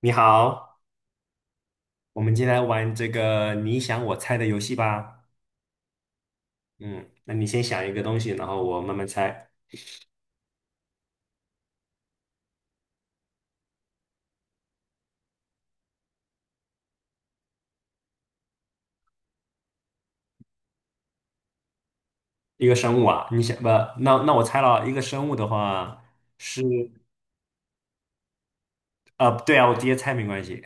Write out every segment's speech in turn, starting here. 你好，我们今天来玩这个你想我猜的游戏吧。嗯，那你先想一个东西，然后我慢慢猜。一个生物啊，你想不？那我猜了，一个生物的话是，对啊，我直接猜没关系。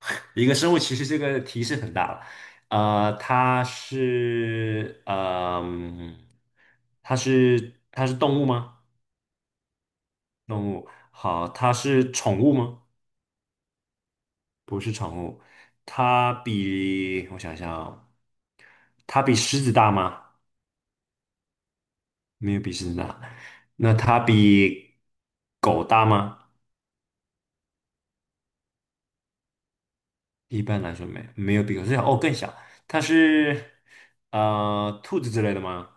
一个生物其实这个提示很大了，它是，它是它是动物吗？动物，好，它是宠物吗？不是宠物，它比我想想啊。它比狮子大吗？没有比狮子大。那它比狗大吗？一般来说没有没有比狗小，哦，更小。它是兔子之类的吗？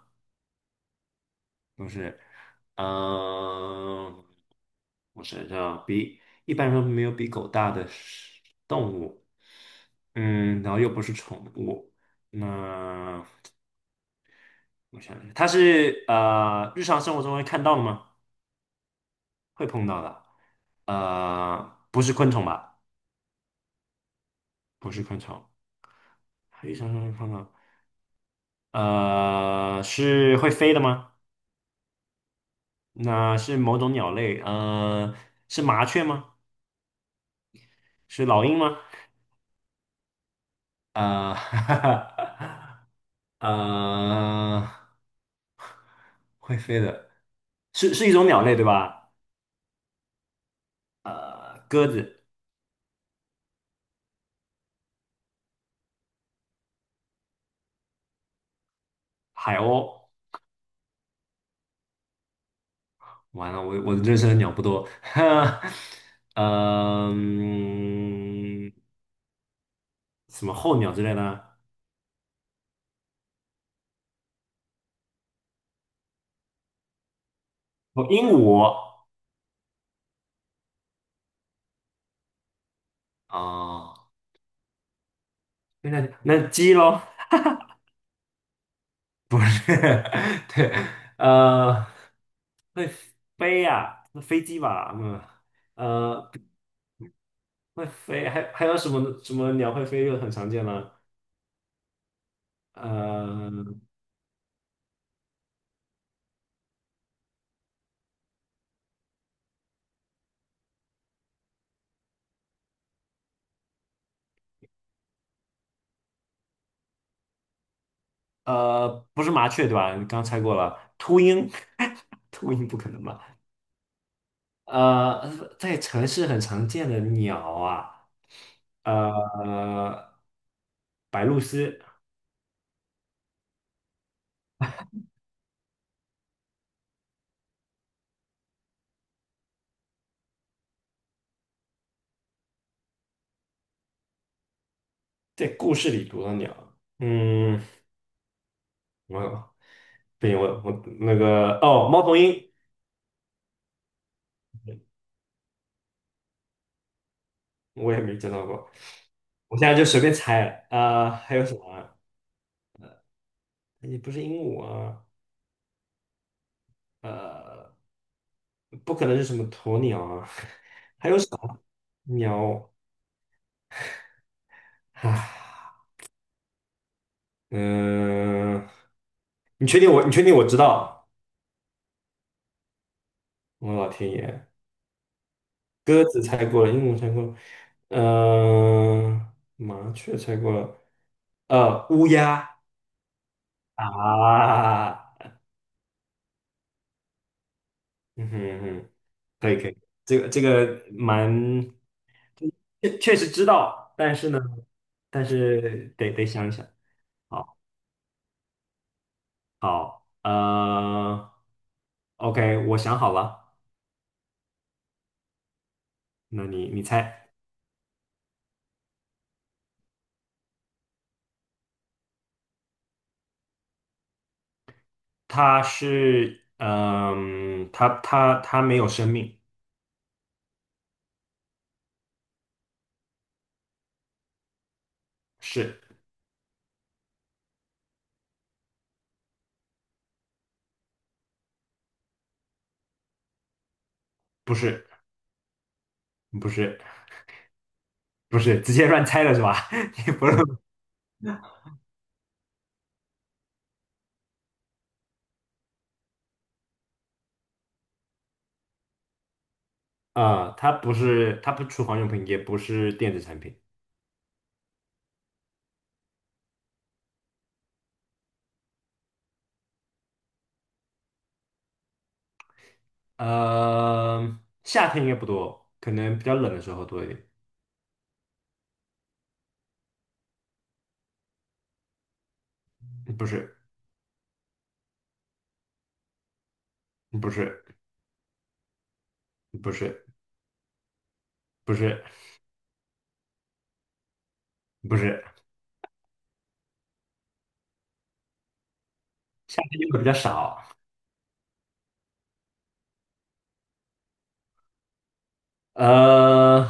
不是，嗯、呃我想想，比一般来说没有比狗大的是动物，嗯，然后又不是宠物，那我想想，它是日常生活中会看到的吗？会碰到的，不是昆虫吧？不是昆虫，黑山上看到，是会飞的吗？那是某种鸟类，是麻雀吗？是老鹰吗？呃，呃，会飞的，是一种鸟类对吧？鸽子、海鸥，完了，我认识的鸟不多，嗯，什么候鸟之类的，哦，鹦鹉，啊，那鸡喽。对，呃，飞呀、飞机吧，呃，会飞，还有什么鸟会飞又很常见了，呃不是麻雀对吧？你刚猜过了，秃鹰，秃鹰不可能吧？呃，在城市很常见的鸟啊，呃，白鹭鸶，在故事里读的鸟，嗯，我不行，我那个哦，猫头鹰，我也没见到过。我现在就随便猜了，还有什么啊哎也不是鹦鹉啊，呃，不可能是什么鸵鸟啊，还有什么鸟啊？嗯、你确定我？你确定我知道？我老天爷，鸽子猜过了，鹦鹉猜过了，呃，麻雀猜过了，乌鸦啊，嗯哼嗯哼。可以可以，这个这个蛮，确确实知道，但是呢，但是得想一想。好，呃，OK，我想好了，那你猜，它是，它没有生命，是不是？不是不是，直接乱猜了是吧？你不是它不是，它不是厨房用品，也不是电子产品，夏天应该不多，可能比较冷的时候多一点。不是，不是，不是，不是，不是，夏天用的比较少。呃，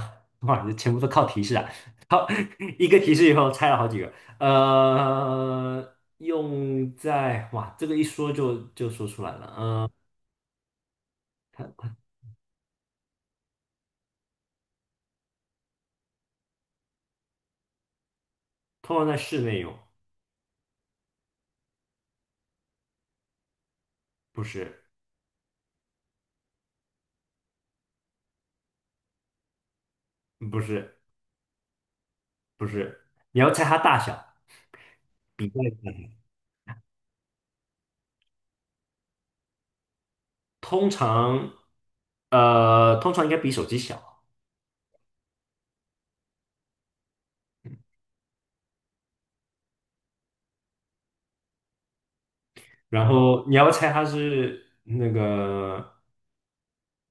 哇，这全部都靠提示啊！好，一个提示以后拆了好几个。呃，用在，哇，这个一说就就说出来了。嗯、通常在室内用，不是，不是，不是，你要猜它大小。通常，通常应该比手机小。然后你要猜它是那个。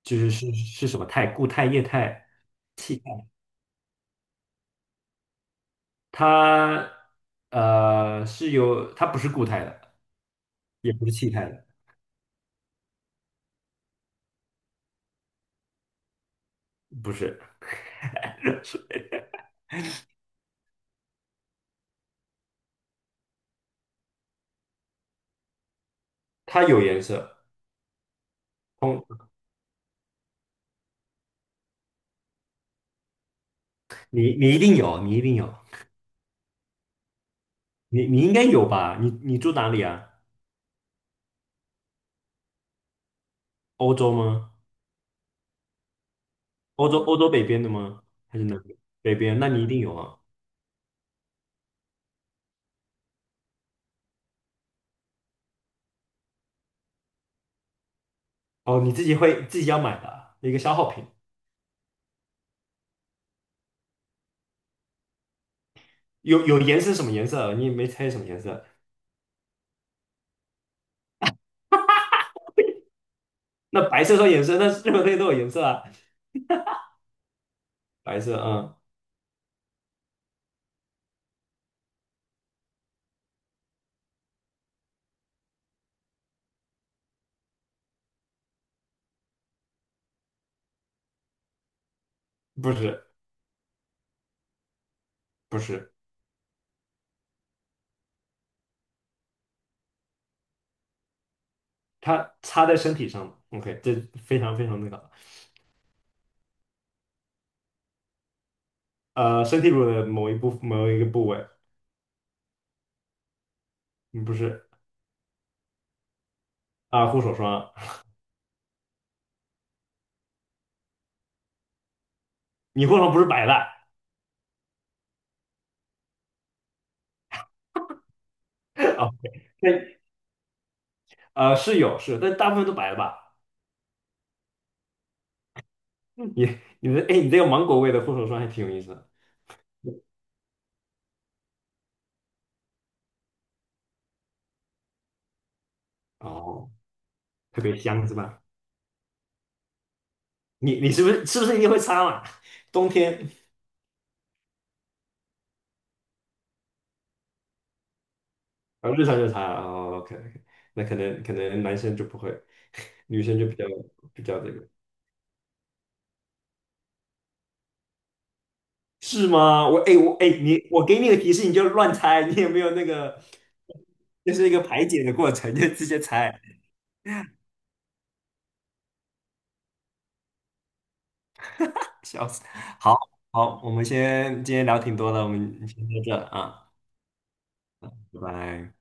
就是是什么态？固态、液态、气态？它是有，它不是固态的，也不是气态的，不是，是它有颜色。通，你一定有，你一定有，你应该有吧？你住哪里啊？欧洲吗？欧洲欧洲北边的吗？还是南边？北边？那你一定有啊。哦，你自己会自己要买的啊一个消耗品。有有颜色是什么颜色啊？你也没猜什么颜色。那白色说颜色，那任何东西都有颜色啊。白色，嗯，不是不是。它擦在身体上了 OK，这非常非常那个，呃，身体乳的某一个部位，嗯不是啊，护手霜啊，你护手霜不是白的啊？那是有是但大部分都白的吧？嗯你你的哎，你这个芒果味的护手霜还挺有意思的哦，特别香是吧？你是不是一定会擦嘛？冬天啊，日常就擦啊哦，OK OK，那可能男生就不会，女生就比较比较这个。是吗？我哎、我哎、你我给你个提示，你就乱猜，你有没有那个就是一个排解的过程，就直接猜，笑死。好，好，我们先今天聊挺多的，我们先到这啊，拜拜。